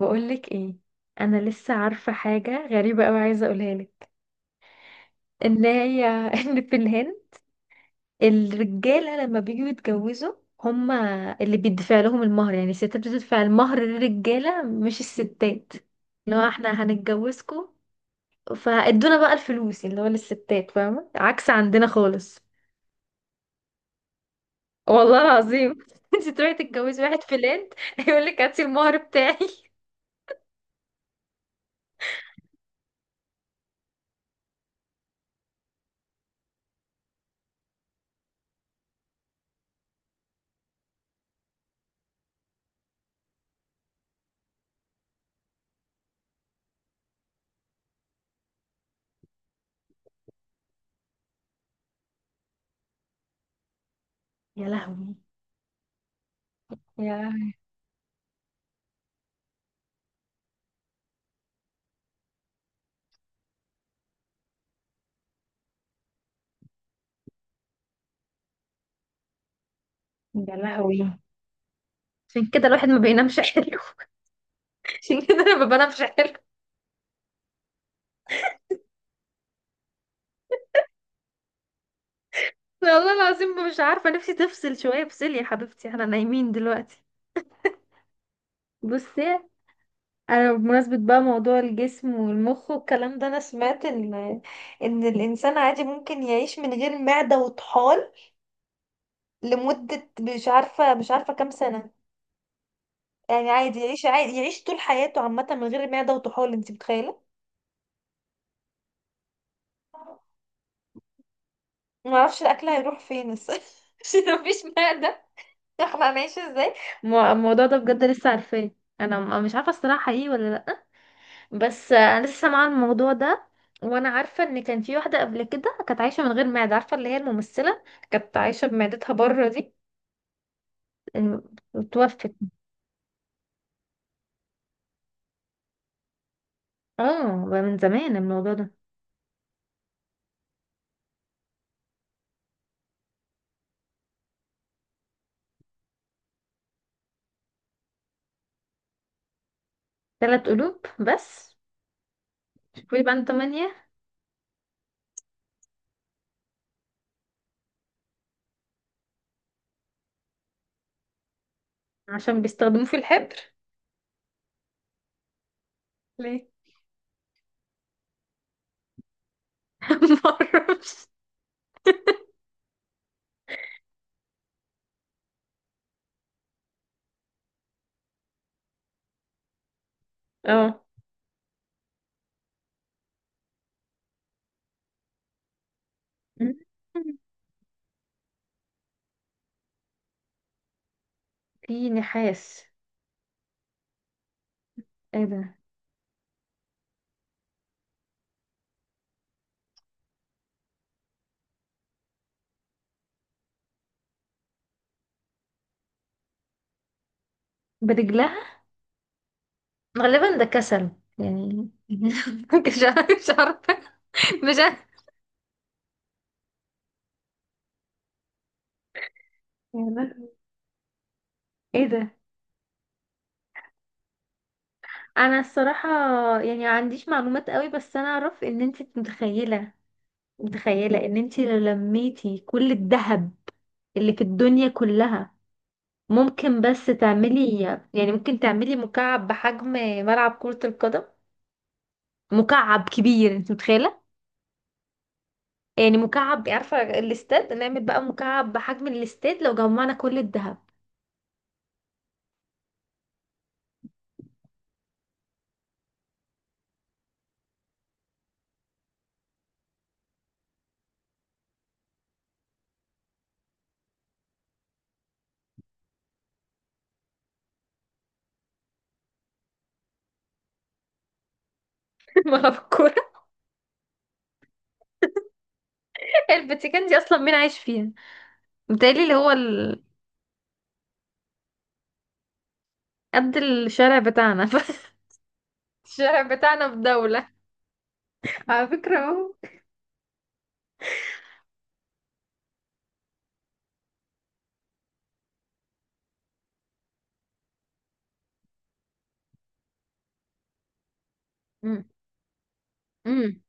بقولك ايه؟ انا لسه عارفه حاجه غريبه قوي عايزه اقولها لك. ان هي ان في الهند الرجاله لما بيجوا يتجوزوا، هما اللي بيدفع لهم المهر، يعني الستات بتدفع المهر للرجاله مش الستات، اللي هو احنا هنتجوزكم فادونا بقى الفلوس اللي هو للستات، فاهمه؟ عكس عندنا خالص. والله العظيم. انت تروحي تتجوزي واحد في الهند يقول لك هاتي المهر بتاعي. يا لهوي. يا يا لهوي. عشان كده الواحد ما بينامش حلو. عشان كده انا ما بنامش حلو. والله العظيم مش عارفه نفسي تفصل شويه، افصلي يا حبيبتي احنا نايمين دلوقتي. بصي، انا بمناسبه بقى موضوع الجسم والمخ والكلام ده، انا سمعت ان الانسان عادي ممكن يعيش من غير معده وطحال لمده مش عارفه مش عارفه كام سنه. يعني عادي يعيش، عادي يعيش طول حياته عامه من غير معده وطحال، انت متخيله؟ ما اعرفش الاكل هيروح فين بس عشان مفيش معده. يخمق ماشي ازاي. الموضوع ده بجد لسه عارفاه. انا مش عارفه الصراحه حقيقي ولا لا، بس انا لسه سامعه الموضوع ده. وانا عارفه ان كان في واحده قبل كده كانت عايشه من غير معده، عارفه اللي هي الممثله، كانت عايشه بمعدتها بره دي، توفت. اه بقى من زمان الموضوع ده. 3 قلوب بس؟ شوفي بقى انتوا تمانية. عشان بيستخدموه في الحبر. ليه؟ معرفش. اه في نحاس؟ ايه ده؟ برجلها؟ غالبا ده كسل، يعني. مش عارفة، مش عارفة. مش عارفة. يا لهوي. ايه ده؟ انا الصراحة يعني ما عنديش معلومات قوي، بس انا اعرف ان انت متخيلة، متخيلة ان انت لو لميتي كل الذهب اللي في الدنيا كلها، ممكن بس تعملي، يعني ممكن تعملي مكعب بحجم ملعب كرة القدم، مكعب كبير انت متخيلة؟ يعني مكعب، عارفة الاستاد، نعمل بقى مكعب بحجم الاستاد لو جمعنا كل الذهب. ملعب الكورة. الفاتيكان دي اصلا مين عايش فيها؟ متهيألي اللي هو ال... قد الشارع بتاعنا. الشارع بتاعنا في دولة على فكرة، اهو. أمم. أمم.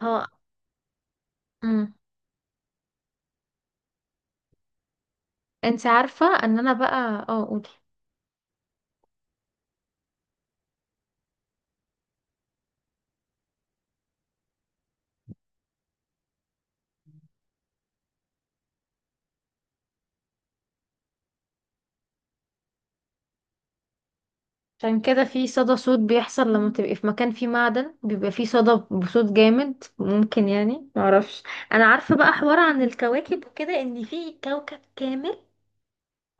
اه. أمم. انت عارفة ان انا بقى، اه قولي. عشان كده في صدى صوت بيحصل لما تبقي في مكان فيه معدن، بيبقى فيه صدى بصوت جامد ممكن، يعني معرفش. انا عارفة بقى حوار عن الكواكب وكده، ان في كوكب كامل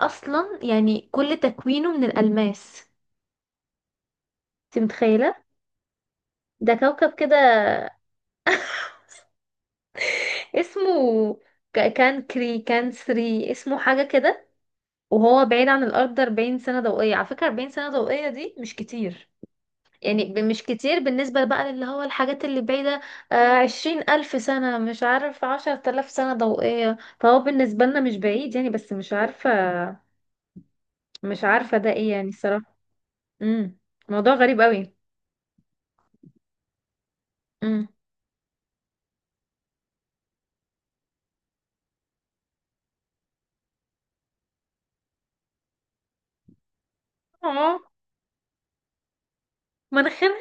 اصلا يعني كل تكوينه من الالماس، انت متخيلة؟ ده كوكب كده. اسمه كان سري، اسمه حاجة كده. وهو بعيد عن الأرض 40 سنة ضوئية، على فكرة 40 سنة ضوئية دي مش كتير، يعني مش كتير بالنسبة بقى اللي هو الحاجات اللي بعيدة. آه، 20,000 سنة مش عارف 10,000 سنة ضوئية، فهو بالنسبة لنا مش بعيد يعني، بس مش عارفة، مش عارفة ده ايه يعني الصراحة. امم. موضوع غريب قوي. امم. اه. مناخيرها.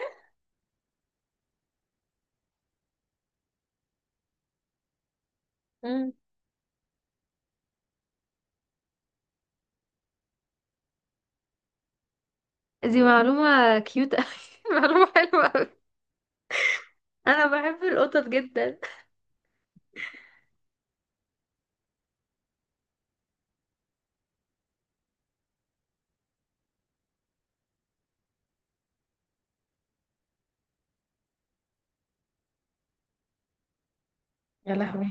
امم. دي معلومة كيوت قوي. معلومة حلوة قوي. انا بحب القطط جدا. يا لهوي،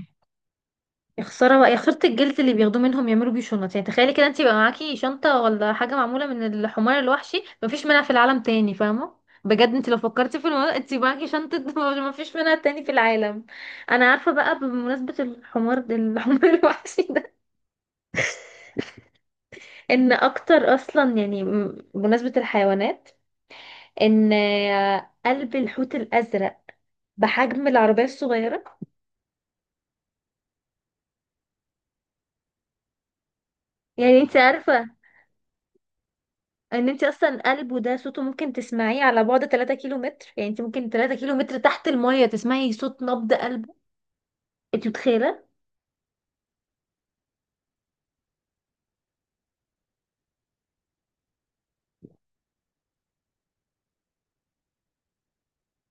يا خساره بقى، يا خساره الجلد اللي بياخدوه منهم يعملوا بيه شنط، يعني تخيلي كده انت يبقى معاكي شنطه ولا حاجه معموله من الحمار الوحشي مفيش منها في العالم تاني، فاهمه؟ بجد انت لو فكرتي في الموضوع انت معاكي شنطه مفيش منها تاني في العالم. انا عارفه بقى بمناسبه الحمار ده، الحمار الوحشي ده، ان اكتر اصلا يعني بمناسبه الحيوانات، ان قلب الحوت الازرق بحجم العربيه الصغيره. يعني انت عارفه ان انت اصلا قلبه ده صوته ممكن تسمعيه على بعد 3 كيلو متر، يعني انت ممكن 3 كيلو متر تحت المية تسمعي صوت نبض قلبه، انت متخيله؟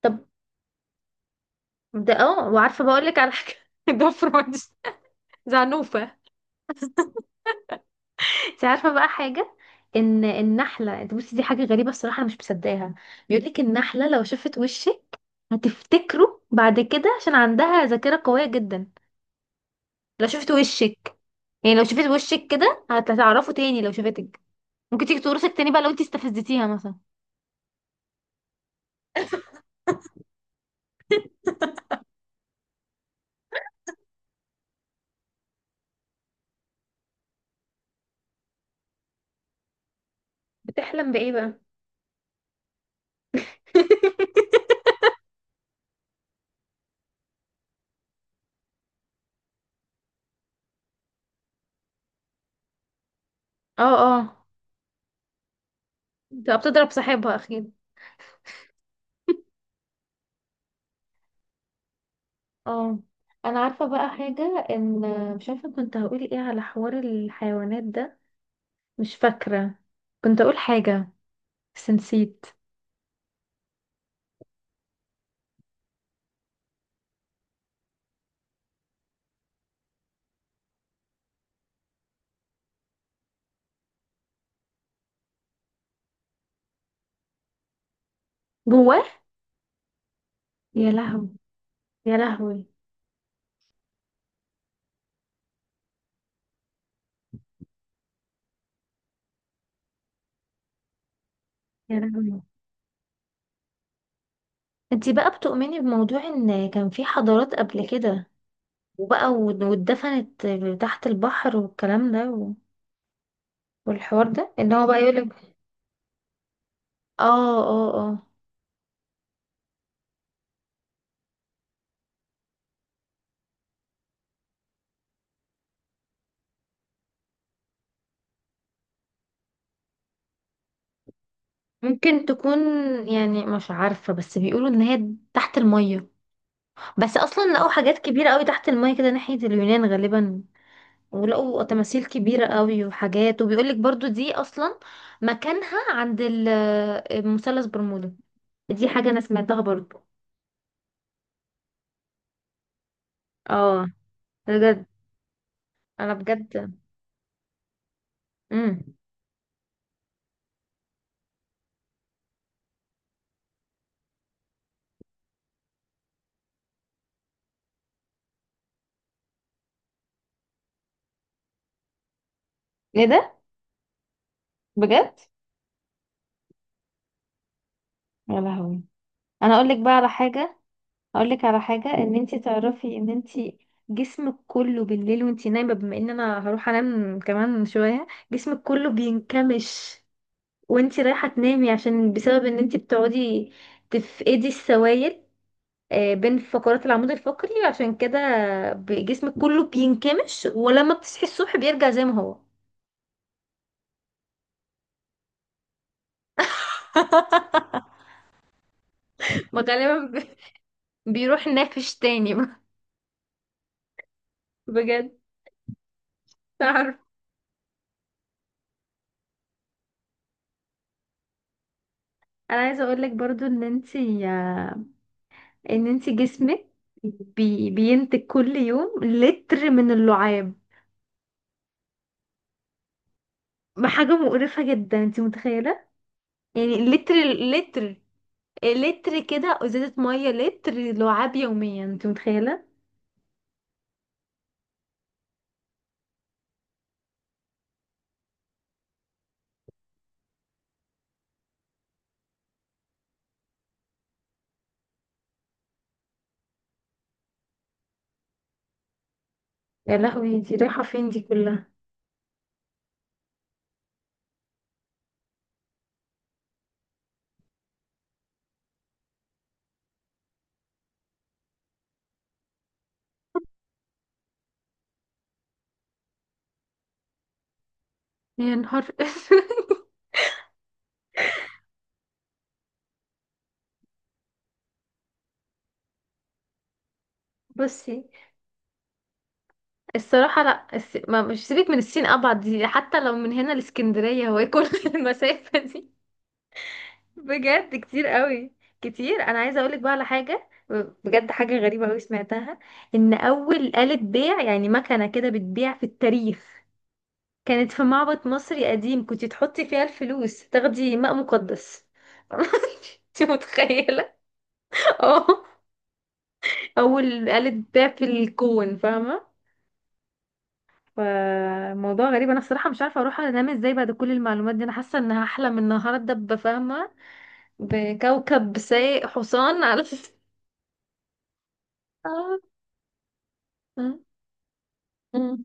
طب ده، اه، وعارفه بقول لك على حاجه. ده فرويد. زعنوفه. انت عارفه بقى حاجه، ان النحله، انت بصي دي حاجه غريبه الصراحه انا مش مصدقاها، بيقول لك النحله لو شافت وشك هتفتكره بعد كده، عشان عندها ذاكره قويه جدا، لو شافت وشك، يعني لو شافت وشك كده هتعرفه تاني لو شافتك، ممكن تيجي تورثك تاني بقى لو انت استفزتيها مثلا. بتحلم بايه بقى؟ اه. اه، بتبقى بتضرب صاحبها اكيد. اه، انا عارفه بقى حاجه، ان، مش عارفه كنت هقول ايه على حوار الحيوانات ده، مش فاكره كنت اقول حاجه بس نسيت. جواه. يا لهوي. يا لهوي. يا لهوي. انتي بقى بتؤمني بموضوع ان كان في حضارات قبل كده وبقى واتدفنت تحت البحر والكلام ده، والحوار ده ان هو بقى يقولك. اه. اه. اه. ممكن تكون، يعني مش عارفة، بس بيقولوا ان هي تحت المية، بس اصلا لقوا حاجات كبيرة قوي تحت المية كده ناحية اليونان غالبا، ولقوا تماثيل كبيرة قوي وحاجات، وبيقولك برضو دي اصلا مكانها عند المثلث برمودا، دي حاجة انا سمعتها برضو. اه. بجد. انا بجد. امم. ايه ده؟ بجد. يا لهوي. انا اقول لك بقى على حاجة. هقول لك على حاجه، ان انت تعرفي ان انت جسمك كله بالليل وانت نايمه، بما ان انا هروح انام كمان شويه، جسمك كله بينكمش وانت رايحه تنامي، عشان بسبب ان انت بتقعدي تفقدي السوائل بين فقرات العمود الفقري، عشان كده جسمك كله بينكمش، ولما بتصحي الصبح بيرجع زي ما هو. ما غالبا بيروح نافش تاني. بجد. عارف. انا عايزه اقول لك برضو ان انتي، ان انت جسمك بينتج كل يوم لتر من اللعاب، حاجة مقرفة جدا انت متخيلة؟ يعني لتر، لتر، لتر كده، ازازة مية لتر لعاب يوميا، انت متخيلة؟ يا لهوي، انت رايحة فين دي كلها؟ يا نهار اسود. بصي الصراحة، لا ما مش سيبك من الصين، ابعد دي حتى لو من هنا لاسكندرية هو ايه كل المسافة دي؟ بجد كتير قوي. كتير. انا عايزه اقولك بقى على حاجه، بجد حاجه غريبه قوي سمعتها، ان اول آلة بيع يعني مكنه كده بتبيع في التاريخ كانت في معبد مصري قديم، كنت تحطي فيها الفلوس تاخدي ماء مقدس. انت متخيله؟ اه، اول آلة بيع في الكون، فاهمه؟ فموضوع غريب، انا بصراحه مش عارفه اروح انام ازاي بعد كل المعلومات دي، انا حاسه ان هحلم النهارده بفاهمه، بكوكب سايق حصان على. مم. مم.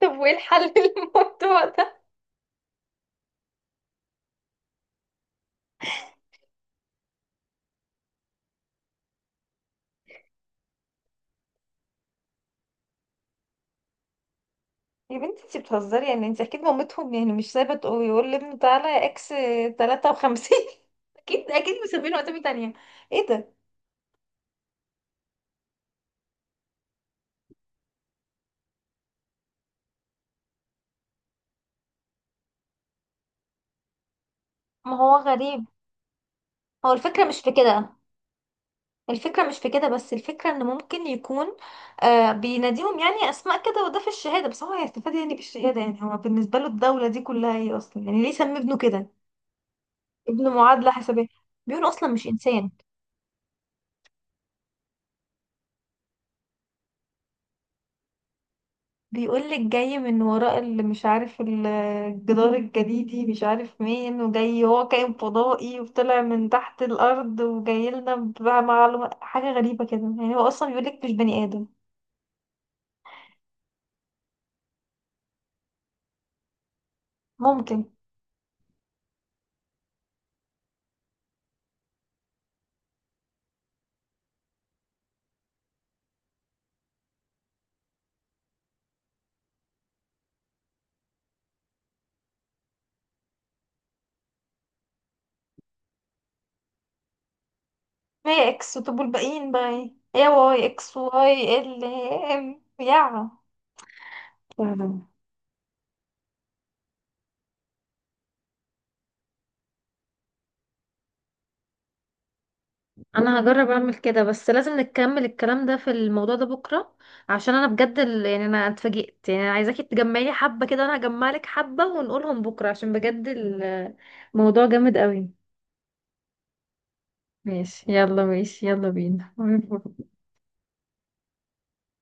طب وايه الحل للموضوع ده؟ يا بنتي انت بتهزري، يعني انت اكيد مامتهم يعني مش سايبه تقول، يقول لابنه تعالى يا اكس 53. اكيد اكيد مسمينه اسامي تانية. ايه ده؟ ما هو غريب، هو الفكرة مش في كده. الفكرة مش في كده، بس الفكرة ان ممكن يكون، آه بيناديهم يعني اسماء كده، وده في الشهادة، بس هو هيستفاد يعني بالشهادة، يعني هو بالنسبة له الدولة دي كلها ايه اصلا، يعني ليه سمي ابنه كده؟ ابنه معادلة حسابية، بيقول اصلا مش انسان. بيقولك جاي من وراء اللي مش عارف الجدار الجليدي، مش عارف مين، وجاي هو كائن فضائي وطلع من تحت الأرض وجاي لنا بقى معلومة، حاجة غريبة كده، يعني هو أصلا بيقولك مش بني آدم. ممكن. ما هي إكس، طب والباقيين بقى إيه؟ إيه، واي، إكس، واي، ال، إم. يا. انا هجرب اعمل كده، بس لازم نكمل الكلام ده في الموضوع ده بكره، عشان انا بجد يعني انا اتفاجئت، يعني انا عايزاكي تجمعي حبه كده وانا هجمع لك حبه ونقولهم بكره، عشان بجد الموضوع جامد قوي. ماشي يلا. ماشي يلا بينا.